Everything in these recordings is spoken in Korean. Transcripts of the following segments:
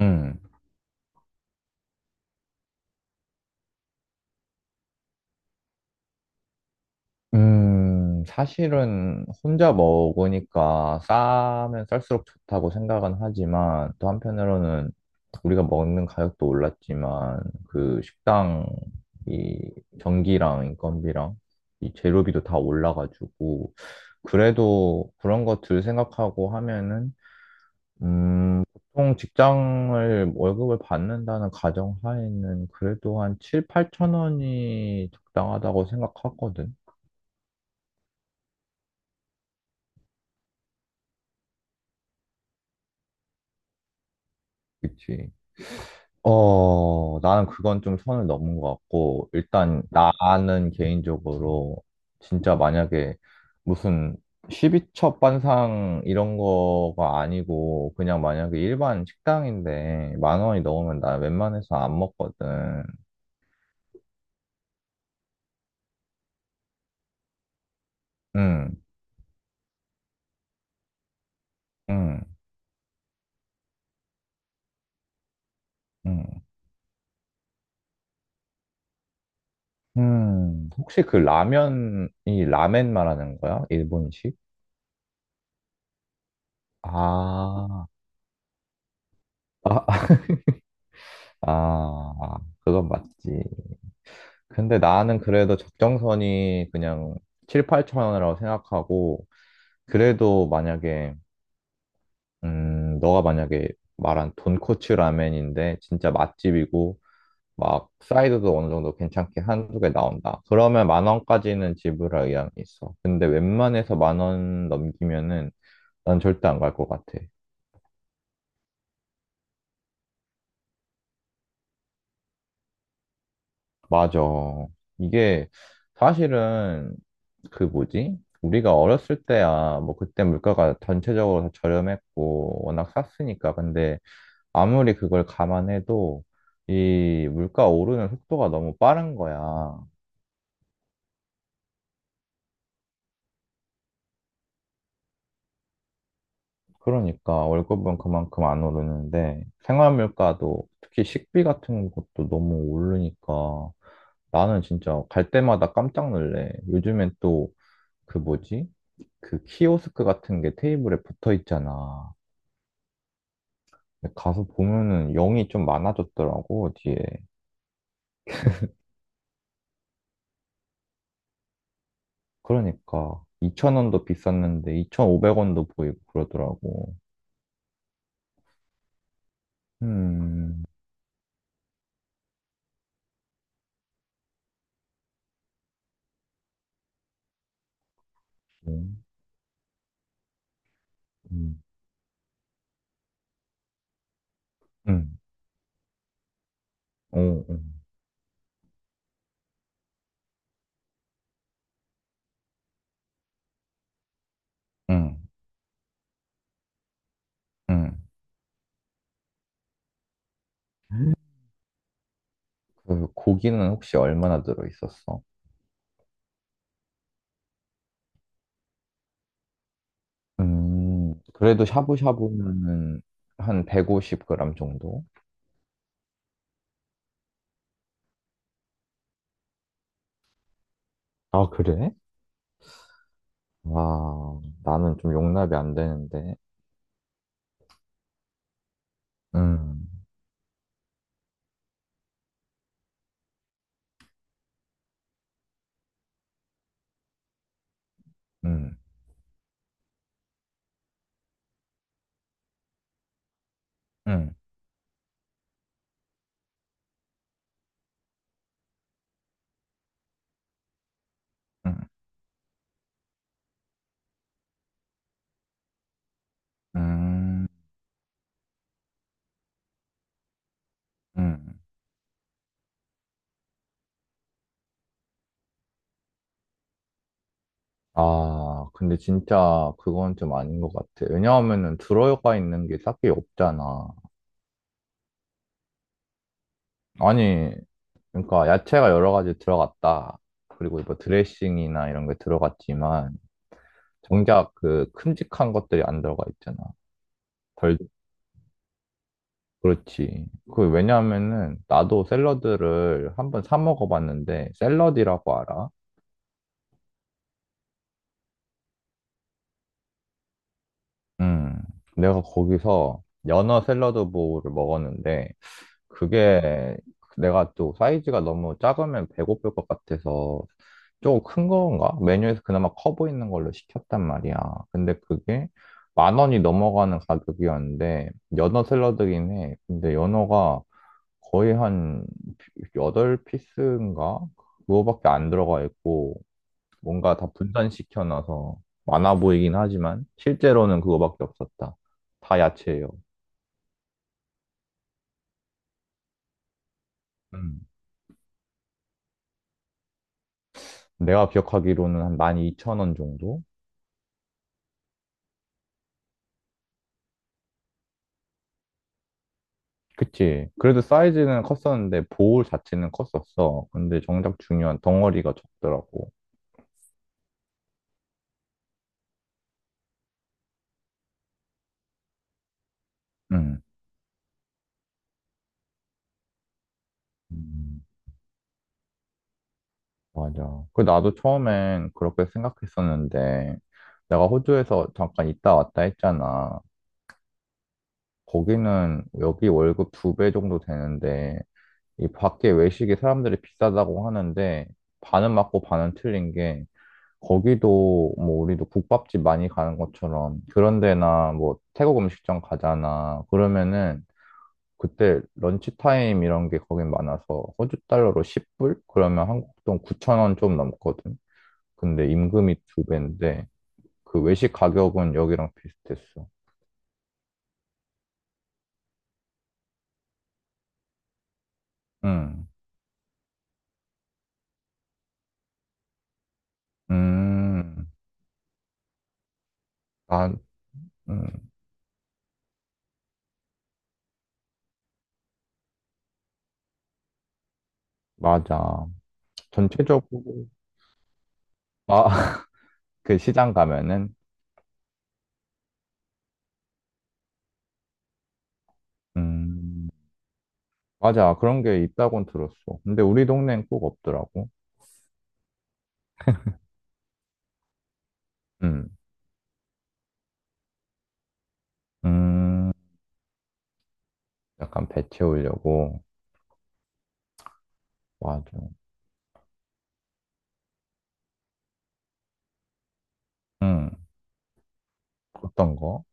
음, 사실은 혼자 먹으니까 싸면 쌀수록 좋다고 생각은 하지만 또 한편으로는 우리가 먹는 가격도 올랐지만 그 식당 이 전기랑 인건비랑 이 재료비도 다 올라가지고 그래도 그런 것들 생각하고 하면은 음, 보통 직장을 월급을 받는다는 가정하에는 그래도 한 7, 8천 원이 적당하다고 생각하거든. 그치. 어, 나는 그건 좀 선을 넘은 것 같고, 일단 나는 개인적으로 진짜 만약에 무슨 12첩 반상 이런 거가 아니고, 그냥 만약에 일반 식당인데 만 원이 넘으면 나 웬만해서 안 먹거든. 응, 응, 응. 혹시 그 라면이 라멘 말하는 거야? 일본식? 아, 아, 아, 그건 맞지. 근데 나는 그래도 적정선이 그냥 7, 8천 원이라고 생각하고, 그래도 만약에, 너가 만약에 말한 돈코츠 라멘인데, 진짜 맛집이고, 막, 사이드도 어느 정도 괜찮게 한 두 개 나온다. 그러면 만 원까지는 지불할 의향이 있어. 근데 웬만해서 만 원 넘기면은 난 절대 안 갈 것 같아. 맞아. 이게 사실은 그 뭐지? 우리가 어렸을 때야 뭐 그때 물가가 전체적으로 다 저렴했고 워낙 쌌으니까 근데 아무리 그걸 감안해도 이 물가 오르는 속도가 너무 빠른 거야. 그러니까 월급은 그만큼 안 오르는데 생활 물가도 특히 식비 같은 것도 너무 오르니까 나는 진짜 갈 때마다 깜짝 놀래. 요즘엔 또 그 뭐지? 그 키오스크 같은 게 테이블에 붙어 있잖아. 근데 가서 보면은 0이 좀 많아졌더라고, 뒤에. 그러니까 2천원도 비쌌는데 2,500원도 보이고 그러더라고. 음. 음. 음. 음. 오, 음. 음. 그 고기는 혹시 얼마나 들어 있었어? 음. 그래도 샤브샤브면은 한 150g 정도? 아, 그래? 와, 나는 좀 용납이 안 되는데. 음. 음, 음, 음, 음, 음. 아, 근데 진짜 그건 좀 아닌 것 같아. 왜냐하면은 들어가 있는 게 딱히 없잖아. 아니, 그러니까 야채가 여러 가지 들어갔다. 그리고 뭐 드레싱이나 이런 게 들어갔지만 정작 그 큼직한 것들이 안 들어가 있잖아. 덜, 그렇지. 그 왜냐하면은 나도 샐러드를 한 번 사 먹어봤는데 샐러디라고 알아? 음. 내가 거기서 연어 샐러드 보우를 먹었는데 그게 내가 또 사이즈가 너무 작으면 배고플 것 같아서 조금 큰 건가? 메뉴에서 그나마 커 보이는 걸로 시켰단 말이야. 근데 그게 만 원이 넘어가는 가격이었는데 연어 샐러드긴 해. 근데 연어가 거의 한 여덟 피스인가 그거밖에 안 들어가 있고 뭔가 다 분산시켜놔서 많아 보이긴 하지만 실제로는 그거밖에 없었다. 다 야채예요. 음. 내가 기억하기로는 한 12,000원 정도? 그치. 그래도 사이즈는 컸었는데 볼 자체는 컸었어. 근데 정작 중요한 덩어리가 적더라고. 응. 음, 맞아. 그 나도 처음엔 그렇게 생각했었는데 내가 호주에서 잠깐 있다 왔다 했잖아. 거기는 여기 월급 두 배 정도 되는데 이 밖에 외식이 사람들이 비싸다고 하는데 반은 맞고 반은 틀린 게 거기도 뭐 우리도 국밥집 많이 가는 것처럼 그런 데나 뭐 태국 음식점 가잖아. 그러면은 그때 런치타임 이런 게 거긴 많아서 호주 달러로 10불? 그러면 한국 돈 9천 원 좀 넘거든. 근데 임금이 두 배인데 그 외식 가격은 여기랑 비슷했어. 응. 음. 아, 음. 맞아. 전체적으로 아, 그 시장 가면은 음. 맞아. 그런 게 있다곤 들었어. 근데 우리 동네엔 꼭 없더라고. 음. 음. 약간 배 채우려고. 맞아. 음. 어떤 거?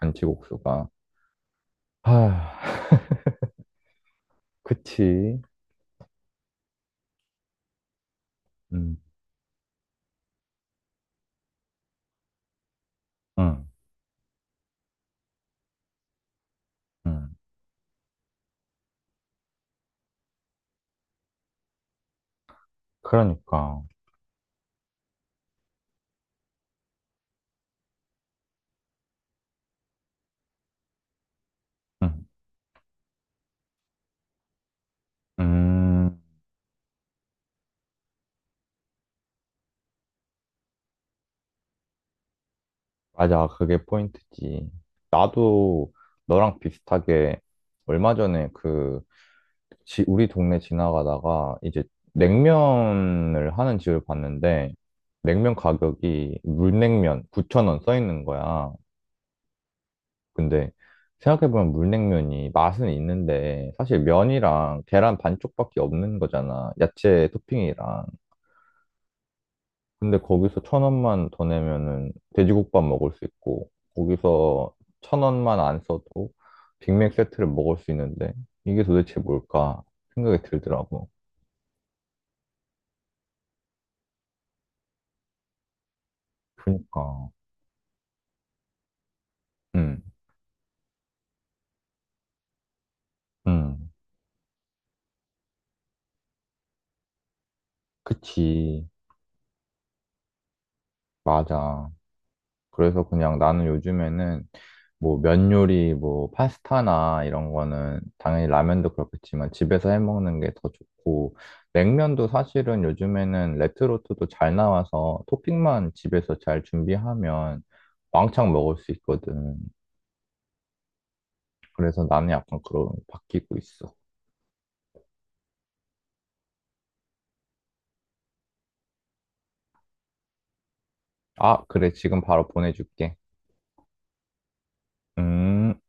잔치국수가. 아, 그치. 음, 음, 음. 그러니까. 음, 음, 맞아. 그게 포인트지. 나도 너랑 비슷하게 얼마 전에 그, 우리 동네 지나가다가 이제 냉면을 하는 집을 봤는데, 냉면 가격이 물냉면 9천원 써 있는 거야. 근데 생각해보면 물냉면이 맛은 있는데, 사실 면이랑 계란 반쪽밖에 없는 거잖아. 야채 토핑이랑. 근데 거기서 천 원만 더 내면은 돼지국밥 먹을 수 있고, 거기서 천 원만 안 써도 빅맥 세트를 먹을 수 있는데, 이게 도대체 뭘까 생각이 들더라고. 그니까, 응, 응, 그치, 맞아. 그래서 그냥 나는 요즘에는 뭐 면 요리, 뭐 파스타나 이런 거는 당연히 라면도 그렇겠지만 집에서 해 먹는 게 더 좋고 냉면도 사실은 요즘에는 레트로트도 잘 나와서 토핑만 집에서 잘 준비하면 왕창 먹을 수 있거든. 그래서 나는 약간 그런 바뀌고 있어. 아, 그래. 지금 바로 보내줄게. 음.